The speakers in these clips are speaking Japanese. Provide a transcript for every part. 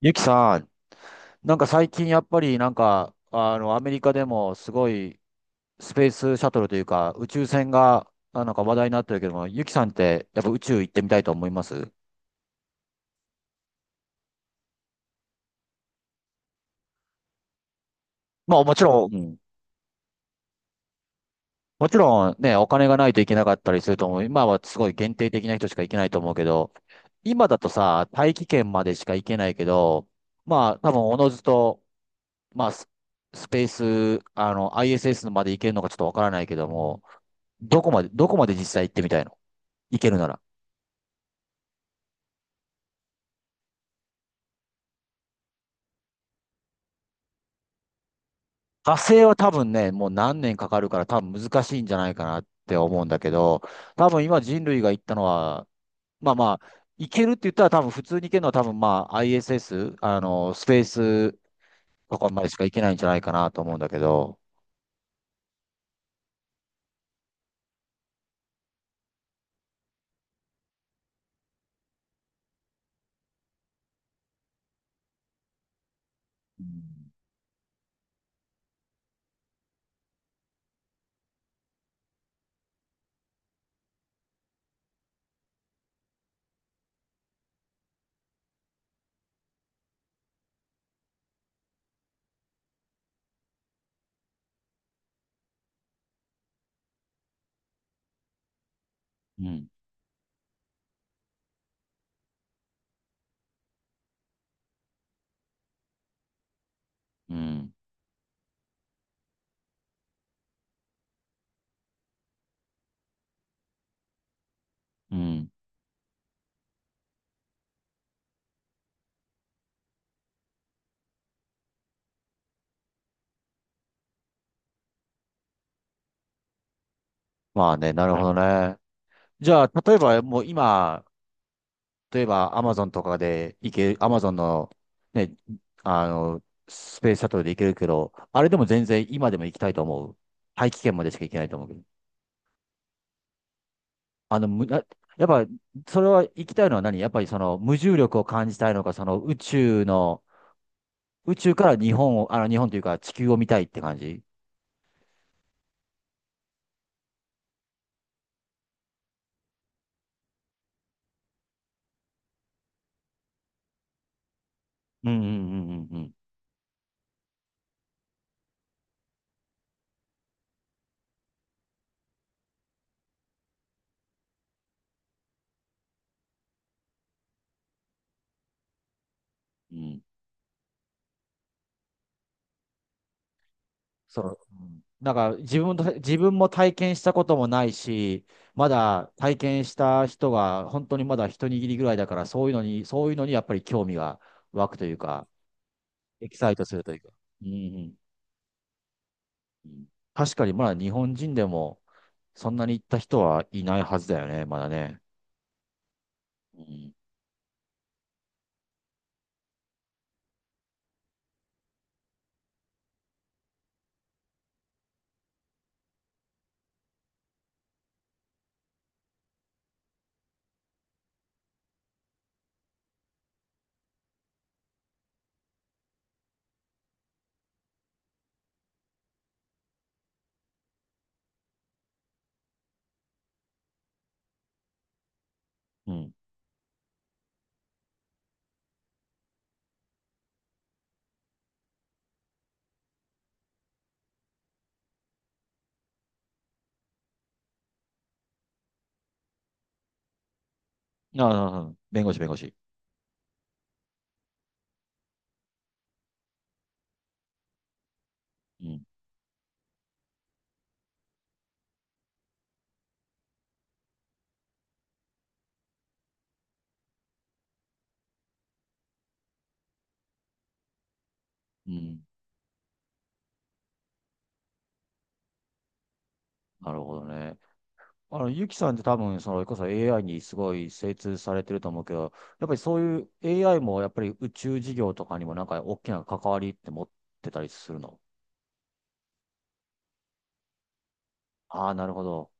ゆきさん、なんか最近やっぱりなんか、アメリカでもすごいスペースシャトルというか宇宙船がなんか話題になってるけども、ゆきさんってやっぱ宇宙行ってみたいと思います？まあもちろん、うん、もちろんね、お金がないといけなかったりすると思う。今はすごい限定的な人しか行けないと思うけど、今だとさ、大気圏までしか行けないけど、まあ多分おのずと、まあスペース、ISS まで行けるのかちょっとわからないけども、どこまで実際行ってみたいの、いけるなら？火星は多分ね、もう何年かかるから多分難しいんじゃないかなって思うんだけど、多分今人類が行ったのは、まあまあ、行けるって言ったら多分普通に行けるのは多分まあ ISS、スペースとかまでしか行けないんじゃないかなと思うんだけど、うん、うん、うん。まあね、なるほどね。じゃあ、例えばもう今、例えば、アマゾンとかで行ける、アマゾンの、ね、あの、スペースシャトルで行けるけど、あれでも全然今でも行きたいと思う。大気圏までしか行けないと思うけど。あの、む、なやっぱ、それは行きたいのは何？やっぱりその無重力を感じたいのか、その宇宙の、宇宙から日本を、日本というか地球を見たいって感じ？うん、うん、うん、うん、うん。うん、そう、うん、なんか自分と、自分も体験したこともないし、まだ体験した人が本当にまだ一握りぐらいだから、そういうのに、そういうのにやっぱり興味が湧くというか、エキサイトするというか。うん、うん、うん。確かにまだ日本人でもそんなに行った人はいないはずだよね、まだね。うん、うん。ああ、ああ弁護士、弁護士。うん、うん。なるほどね。ゆきさんって多分、その、それこそ AI にすごい精通されてると思うけど、やっぱりそういう AI もやっぱり宇宙事業とかにもなんか大きな関わりって持ってたりするの？ああー、なるほど。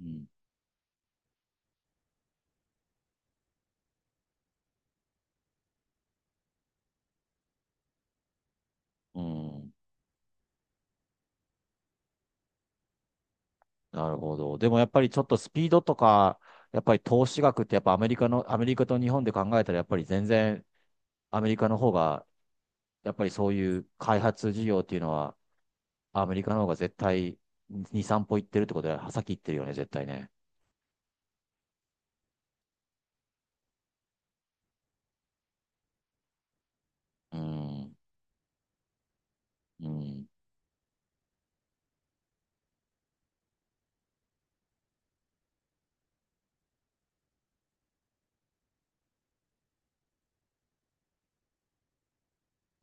うん。うん。なるほど。でもやっぱりちょっとスピードとか、やっぱり投資額ってやっぱアメリカの、アメリカと日本で考えたらやっぱり全然アメリカの方が、やっぱりそういう開発事業っていうのはアメリカの方が絶対2、3歩行ってるってことで、先行ってるよね、絶対ね。うん。うん。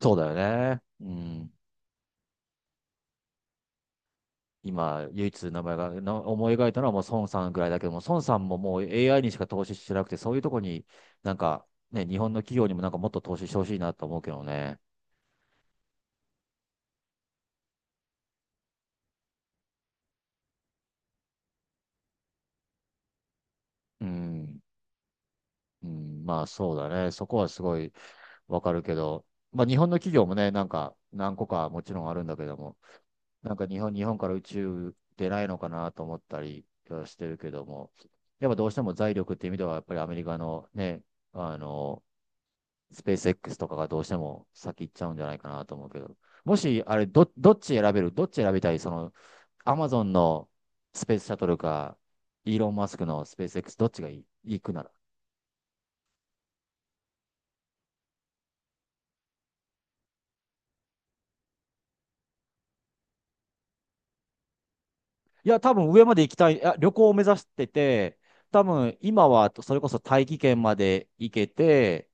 そうだよね。うん。今、唯一名前が思い描いたのはもう孫さんぐらいだけども、孫さんももう AI にしか投資してなくて、そういうとこになんかね、日本の企業にもなんかもっと投資してほしいなと思うけどね。うん。うん、まあそうだね。そこはすごいわかるけど、まあ日本の企業もね、なんか何個かもちろんあるんだけども、なんか日本から宇宙出ないのかなと思ったりはしてるけども、やっぱどうしても財力っていう意味では、やっぱりアメリカのね、あの、スペース X とかがどうしても先行っちゃうんじゃないかなと思うけど、もし、あれど、どっち選べるどっち選びたい、その、アマゾンのスペースシャトルか、イーロン・マスクのスペース X、どっちがいい、行くなら？いや、多分上まで行きたい、旅行を目指してて、多分今はそれこそ大気圏まで行けて、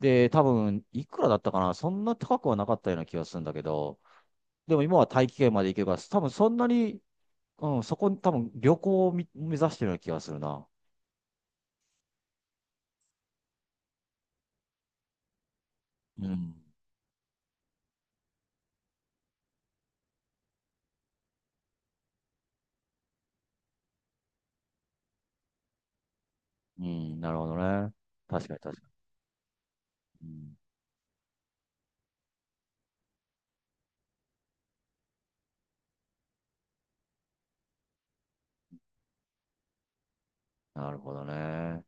で、多分いくらだったかな、そんな高くはなかったような気がするんだけど、でも今は大気圏まで行けるから、多分そんなに、うん、そこに多分旅行を目指してるような気がするな。うん。うん、なるほどね。確かに、確かに。うん、なるほどね。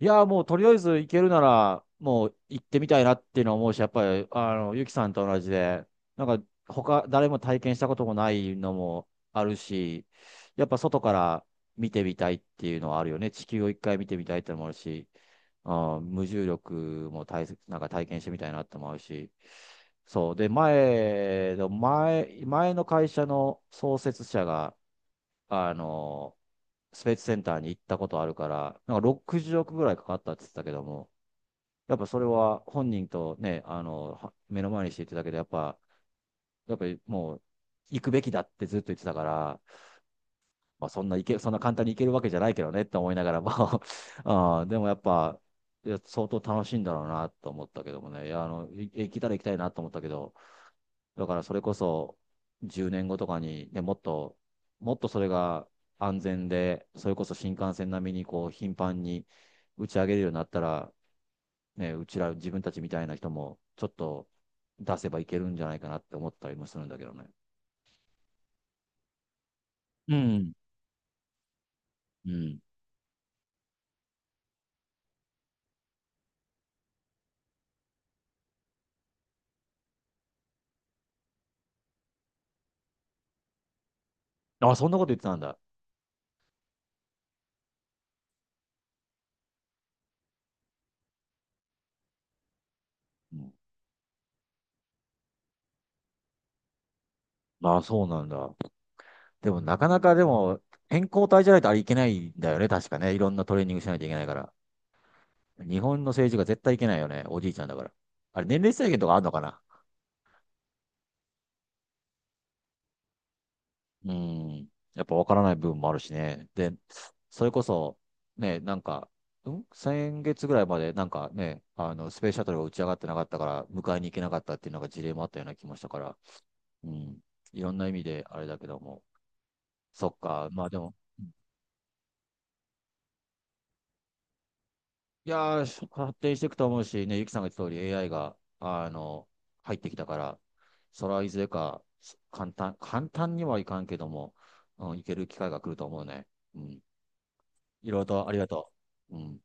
いや、もうとりあえず行けるなら、もう行ってみたいなっていうのは思うし、やっぱり、ゆきさんと同じで、なんか、他、誰も体験したこともないのもあるし、やっぱ外から見てみたいっていうのはあるよね。地球を一回見てみたいってのもあるし、あー、無重力もなんか体験してみたいなって思うし、そう。で、前の会社の創設者が、あの、スペースセンターに行ったことあるから、なんか60億ぐらいかかったって言ってたけども、やっぱそれは本人とね、目の前にして言ってただけで、やっぱりもう、行くべきだってずっと言ってたから、まあ、そんな簡単に行けるわけじゃないけどねって思いながらも あー、でもやっぱ、いや相当楽しいんだろうなと思ったけどもね、いや、行けたら行きたいなと思ったけど、だからそれこそ10年後とかに、ね、もっとそれが安全で、それこそ新幹線並みにこう頻繁に打ち上げるようになったら、ね、うちら自分たちみたいな人もちょっと出せばいけるんじゃないかなって思ったりもするんだけどね。うん。うん。あ、そんなこと言ってたんだ。うん。ああ、そうなんだ。でも、なかなかでも、健康体じゃないとあれいけないんだよね。確かね。いろんなトレーニングしないといけないから。日本の政治が絶対いけないよね。おじいちゃんだから。あれ、年齢制限とかあるのかな？うん。やっぱわからない部分もあるしね。で、それこそ、ね、なんか、先月ぐらいまで、なんかね、スペースシャトルが打ち上がってなかったから、迎えに行けなかったっていうのが事例もあったような気もしたから、うん。いろんな意味であれだけども。そっか。まあでも、いやー、発展していくと思うし、ね、ゆきさんが言った通り AI が、入ってきたから、それはいずれか、簡単にはいかんけども、うん、いける機会が来ると思うね。うん。いろいろとありがとう。うん。